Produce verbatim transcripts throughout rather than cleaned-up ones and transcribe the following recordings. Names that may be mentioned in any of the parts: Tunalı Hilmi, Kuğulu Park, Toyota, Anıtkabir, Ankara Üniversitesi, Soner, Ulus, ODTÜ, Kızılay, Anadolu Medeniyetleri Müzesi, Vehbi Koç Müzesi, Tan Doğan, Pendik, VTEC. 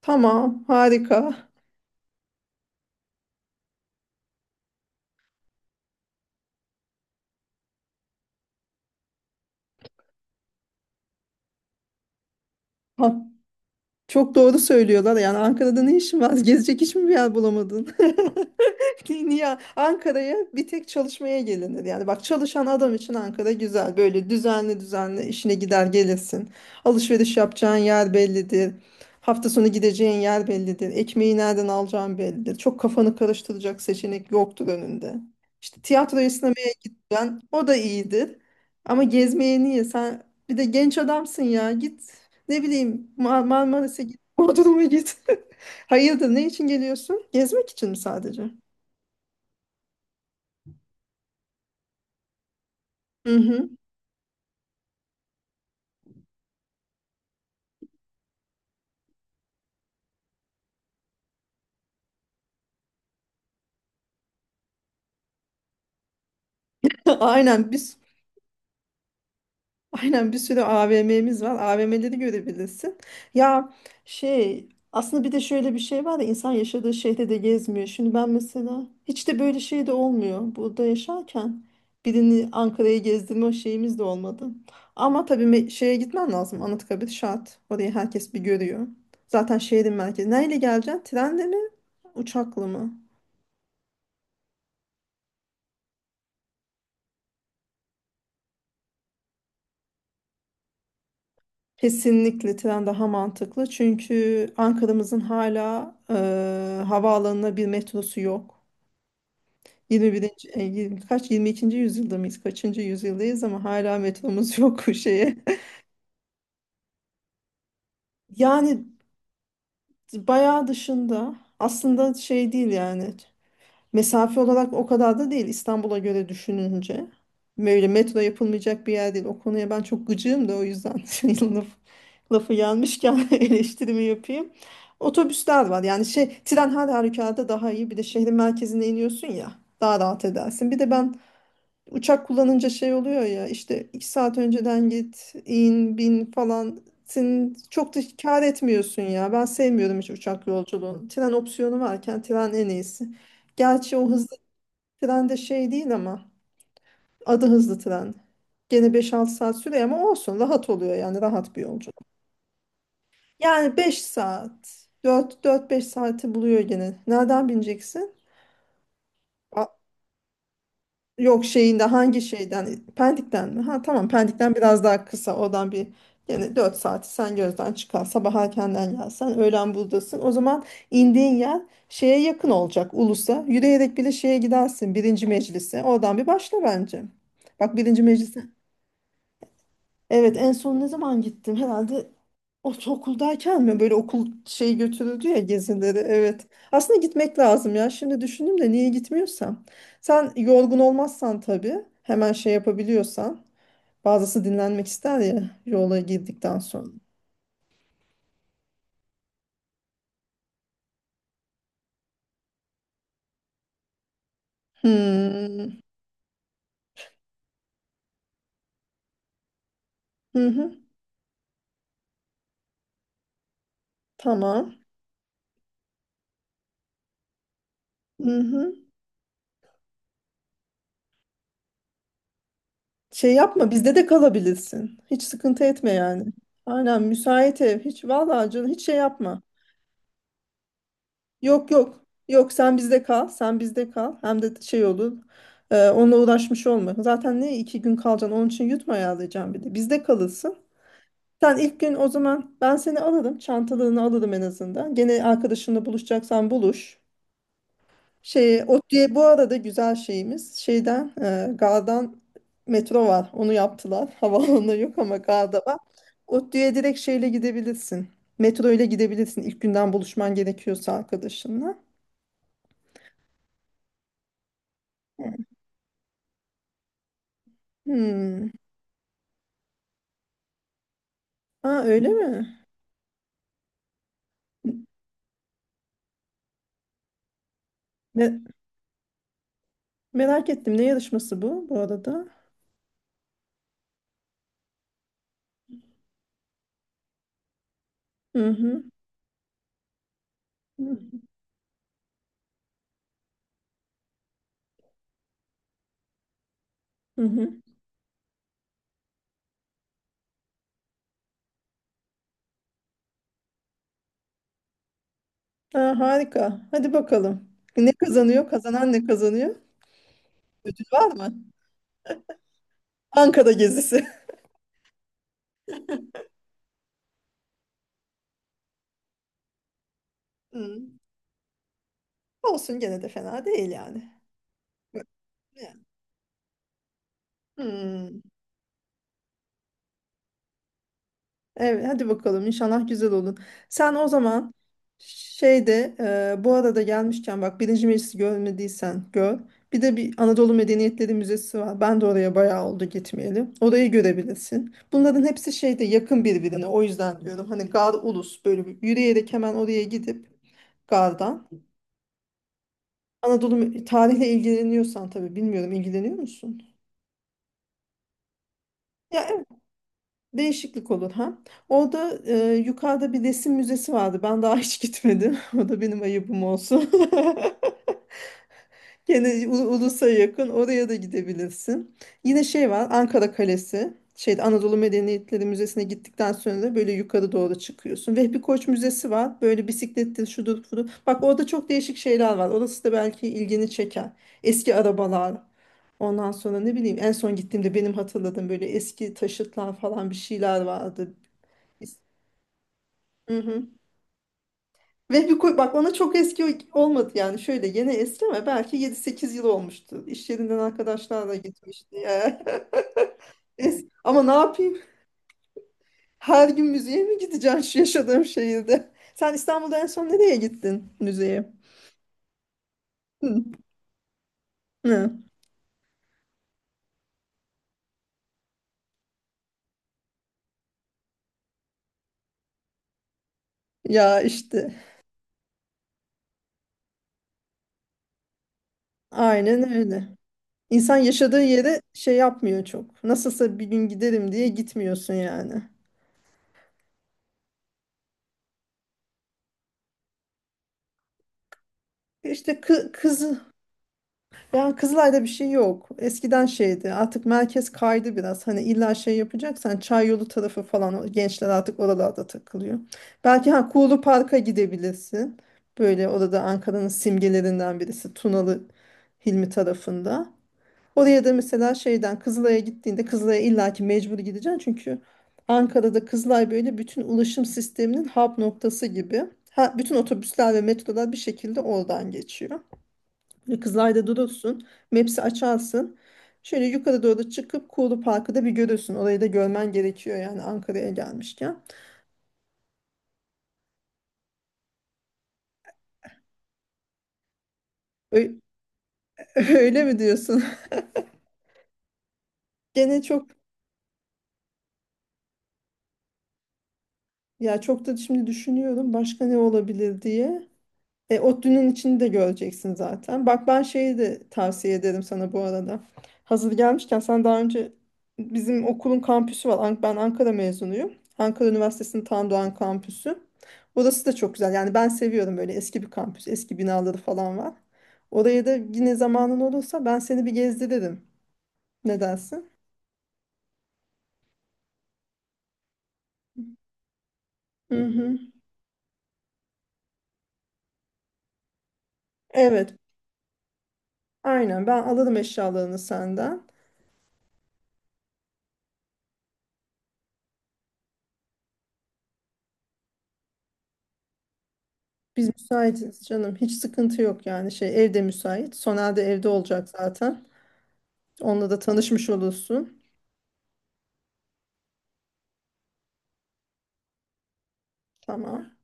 Tamam, harika. Çok doğru söylüyorlar. Yani Ankara'da ne işin var? Gezecek hiçbir bir yer bulamadın? Niye Ankara'ya bir tek çalışmaya gelinir. Yani bak çalışan adam için Ankara güzel. Böyle düzenli düzenli işine gider gelirsin. Alışveriş yapacağın yer bellidir. Hafta sonu gideceğin yer bellidir. Ekmeği nereden alacağın bellidir. Çok kafanı karıştıracak seçenek yoktur önünde. İşte tiyatroya sinemaya gitsen o da iyidir. Ama gezmeye niye? Sen bir de genç adamsın ya git. Ne bileyim Mar Marmaris'e git, Bodrum'a git. Hayırdır, ne için geliyorsun? Gezmek için mi sadece? Hı hı. Aynen biz Aynen bir sürü A V M'miz var. A V M'leri görebilirsin. Ya, şey aslında bir de şöyle bir şey var ya, insan yaşadığı şehirde de gezmiyor. Şimdi ben mesela hiç de böyle şey de olmuyor. Burada yaşarken birini Ankara'ya gezdirme şeyimiz de olmadı. Ama tabii me- şeye gitmen lazım. Anıtkabir şart. Orayı herkes bir görüyor. Zaten şehrin merkezi. Neyle geleceksin? Trenle mi? Uçakla mı? Kesinlikle tren daha mantıklı. Çünkü Ankara'mızın hala e, havaalanına bir metrosu yok. yirmi birinci e, yirmi- kaç yirmi ikinci yüzyılda mıyız? Kaçıncı yüzyıldayız ama hala metromuz yok bu şeye. Yani bayağı dışında aslında şey değil yani. Mesafe olarak o kadar da değil İstanbul'a göre düşününce. Böyle metro yapılmayacak bir yer değil. O konuya ben çok gıcığım da o yüzden şey, laf, lafı gelmişken eleştirimi yapayım. Otobüsler var. Yani şey tren her halükarda daha iyi. Bir de şehrin merkezine iniyorsun ya, daha rahat edersin. Bir de ben uçak kullanınca şey oluyor ya, işte iki saat önceden git, in, bin falan. Sen çok da kâr etmiyorsun ya. Ben sevmiyorum hiç uçak yolculuğunu. Tren opsiyonu varken tren en iyisi. Gerçi o hız, tren de şey değil ama adı hızlı tren. Gene beş altı saat sürüyor ama olsun, rahat oluyor yani, rahat bir yolculuk. Yani beş saat dört dört-beş saati buluyor gene. Nereden bineceksin? A- yok şeyinde hangi şeyden? Pendik'ten mi? Ha tamam, Pendik'ten biraz daha kısa oradan, bir yani dört saati sen gözden çıkar. Sabah erkenden gelsen öğlen buradasın. O zaman indiğin yer şeye yakın olacak, Ulus'a. Yürüyerek bile şeye gidersin, birinci meclise. Oradan bir başla bence. Bak birinci meclis, evet en son ne zaman gittim? Herhalde ortaokuldayken mi? Böyle okul şey götürüldü ya, gezileri. Evet. Aslında gitmek lazım ya. Şimdi düşündüm de niye gitmiyorsam. Sen yorgun olmazsan tabii. Hemen şey yapabiliyorsan. Bazısı dinlenmek ister ya yola girdikten sonra. Hmm. Hı hı. Tamam. Hı hı. Şey yapma, bizde de kalabilirsin. Hiç sıkıntı etme yani. Aynen, müsait ev. Hiç vallahi canım, hiç şey yapma. Yok yok. Yok sen bizde kal. Sen bizde kal. Hem de şey olur. E, onunla uğraşmış olma. Zaten ne iki gün kalacaksın. Onun için yutma ayarlayacağım bir de. Bizde kalırsın. Sen ilk gün o zaman ben seni alırım. Çantalarını alırım en azından. Gene arkadaşınla buluşacaksan buluş. Şey, o diye bu arada güzel şeyimiz şeyden e, gardan metro var. Onu yaptılar. Havaalanı yok ama garda var. ODTÜ'ye direkt şeyle gidebilirsin. Metro ile gidebilirsin ilk günden, buluşman gerekiyorsa arkadaşınla. Hmm. Aa, öyle mi? Me- merak ettim. Ne yarışması bu bu arada? Hı hı. Hı hı. Hı. Aa, harika. Hadi bakalım. Ne kazanıyor? Kazanan ne kazanıyor? Ödül var mı? Ankara gezisi. Hı. Olsun, gene de fena değil yani. Hı. Evet, hadi bakalım, inşallah güzel olun. Sen o zaman şeyde, e, bu arada gelmişken bak Birinci Meclisi görmediysen gör. Bir de bir Anadolu Medeniyetleri Müzesi var. Ben de oraya bayağı oldu gitmeyeli. Orayı görebilirsin. Bunların hepsi şeyde yakın, birbirine. O yüzden diyorum hani, Gar Ulus böyle bir yürüyerek hemen oraya gidip Gar'dan. Anadolu me- tarihle ilgileniyorsan tabii, bilmiyorum, ilgileniyor musun? Ya, değişiklik olur ha. Orada e, yukarıda bir resim müzesi vardı. Ben daha hiç gitmedim. O da benim ayıbım olsun. Gene u- ulusa yakın. Oraya da gidebilirsin. Yine şey var, Ankara Kalesi. Şeyde Anadolu Medeniyetleri Müzesi'ne gittikten sonra da böyle yukarı doğru çıkıyorsun. Vehbi Koç Müzesi var. Böyle bisiklettir, şudur, budur. Bak orada çok değişik şeyler var. Orası da belki ilgini çeker. Eski arabalar. Ondan sonra ne bileyim, en son gittiğimde benim hatırladığım böyle eski taşıtlar falan, bir şeyler vardı. Hı hı. Ve bir koy- bak, ona çok eski olmadı yani, şöyle yeni eski ama belki yedi sekiz yıl olmuştu. İş yerinden arkadaşlarla gitmişti ya. Es- ama ne yapayım? Her gün müzeye mi gideceğim şu yaşadığım şehirde? Sen İstanbul'da en son nereye gittin müzeye? Hı. Hı. Ya işte aynen öyle. İnsan yaşadığı yere şey yapmıyor çok. Nasılsa bir gün giderim diye gitmiyorsun yani. İşte kı kız yani Kızılay'da bir şey yok. Eskiden şeydi. Artık merkez kaydı biraz. Hani illa şey yapacaksan çay yolu tarafı falan, o gençler artık oralarda takılıyor. Belki ha, Kuğulu Park'a gidebilirsin. Böyle orada Ankara'nın simgelerinden birisi, Tunalı Hilmi tarafında. Oraya da mesela şeyden Kızılay'a gittiğinde, Kızılay'a illaki mecbur gideceksin. Çünkü Ankara'da Kızılay böyle bütün ulaşım sisteminin hub noktası gibi. Ha, bütün otobüsler ve metrolar bir şekilde oradan geçiyor. Böyle Kızılay'da durursun. Maps'i açarsın. Şöyle yukarı doğru çıkıp Kuğulu Parkı da bir görürsün. Orayı da görmen gerekiyor yani, Ankara'ya gelmişken. Ö- Öyle mi diyorsun? Gene çok, ya çok da şimdi düşünüyorum başka ne olabilir diye. E, ODTÜ'nün içini de göreceksin zaten. Bak ben şeyi de tavsiye ederim sana bu arada. Hazır gelmişken, sen daha önce bizim okulun kampüsü var. Ank- Ben Ankara mezunuyum. Ankara Üniversitesi'nin Tan Doğan kampüsü. Orası da çok güzel. Yani ben seviyorum böyle eski bir kampüs. Eski binaları falan var. Oraya da yine zamanın olursa ben seni bir gezdiririm. Ne dersin? Hı hı. Evet. Aynen, ben alırım eşyalarını senden. Biz müsaitiz canım. Hiç sıkıntı yok yani, şey evde müsait. Sonel de evde olacak zaten. Onunla da tanışmış olursun. Tamam.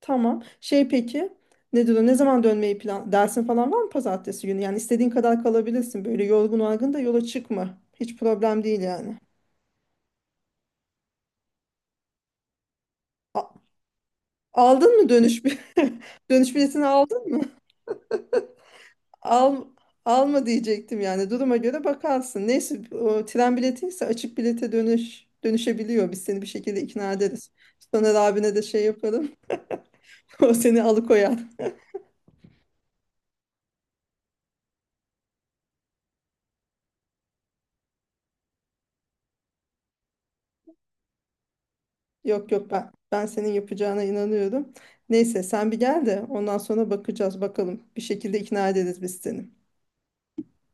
Tamam. Şey peki, ne diyor? Ne zaman dönmeyi plan dersin falan var mı pazartesi günü? Yani istediğin kadar kalabilirsin. Böyle yorgun argın da yola çıkma. Hiç problem değil yani. A- aldın mı dönüş bi- dönüş biletini aldın mı? Al, alma diyecektim yani, duruma göre bakarsın. Neyse o tren biletiyse açık bilete dönüş dönüşebiliyor. Biz seni bir şekilde ikna ederiz. Soner abine de şey yaparım. O seni alıkoyar. Yok yok, ben ben senin yapacağına inanıyorum. Neyse sen bir gel de ondan sonra bakacağız bakalım. Bir şekilde ikna ederiz biz seni.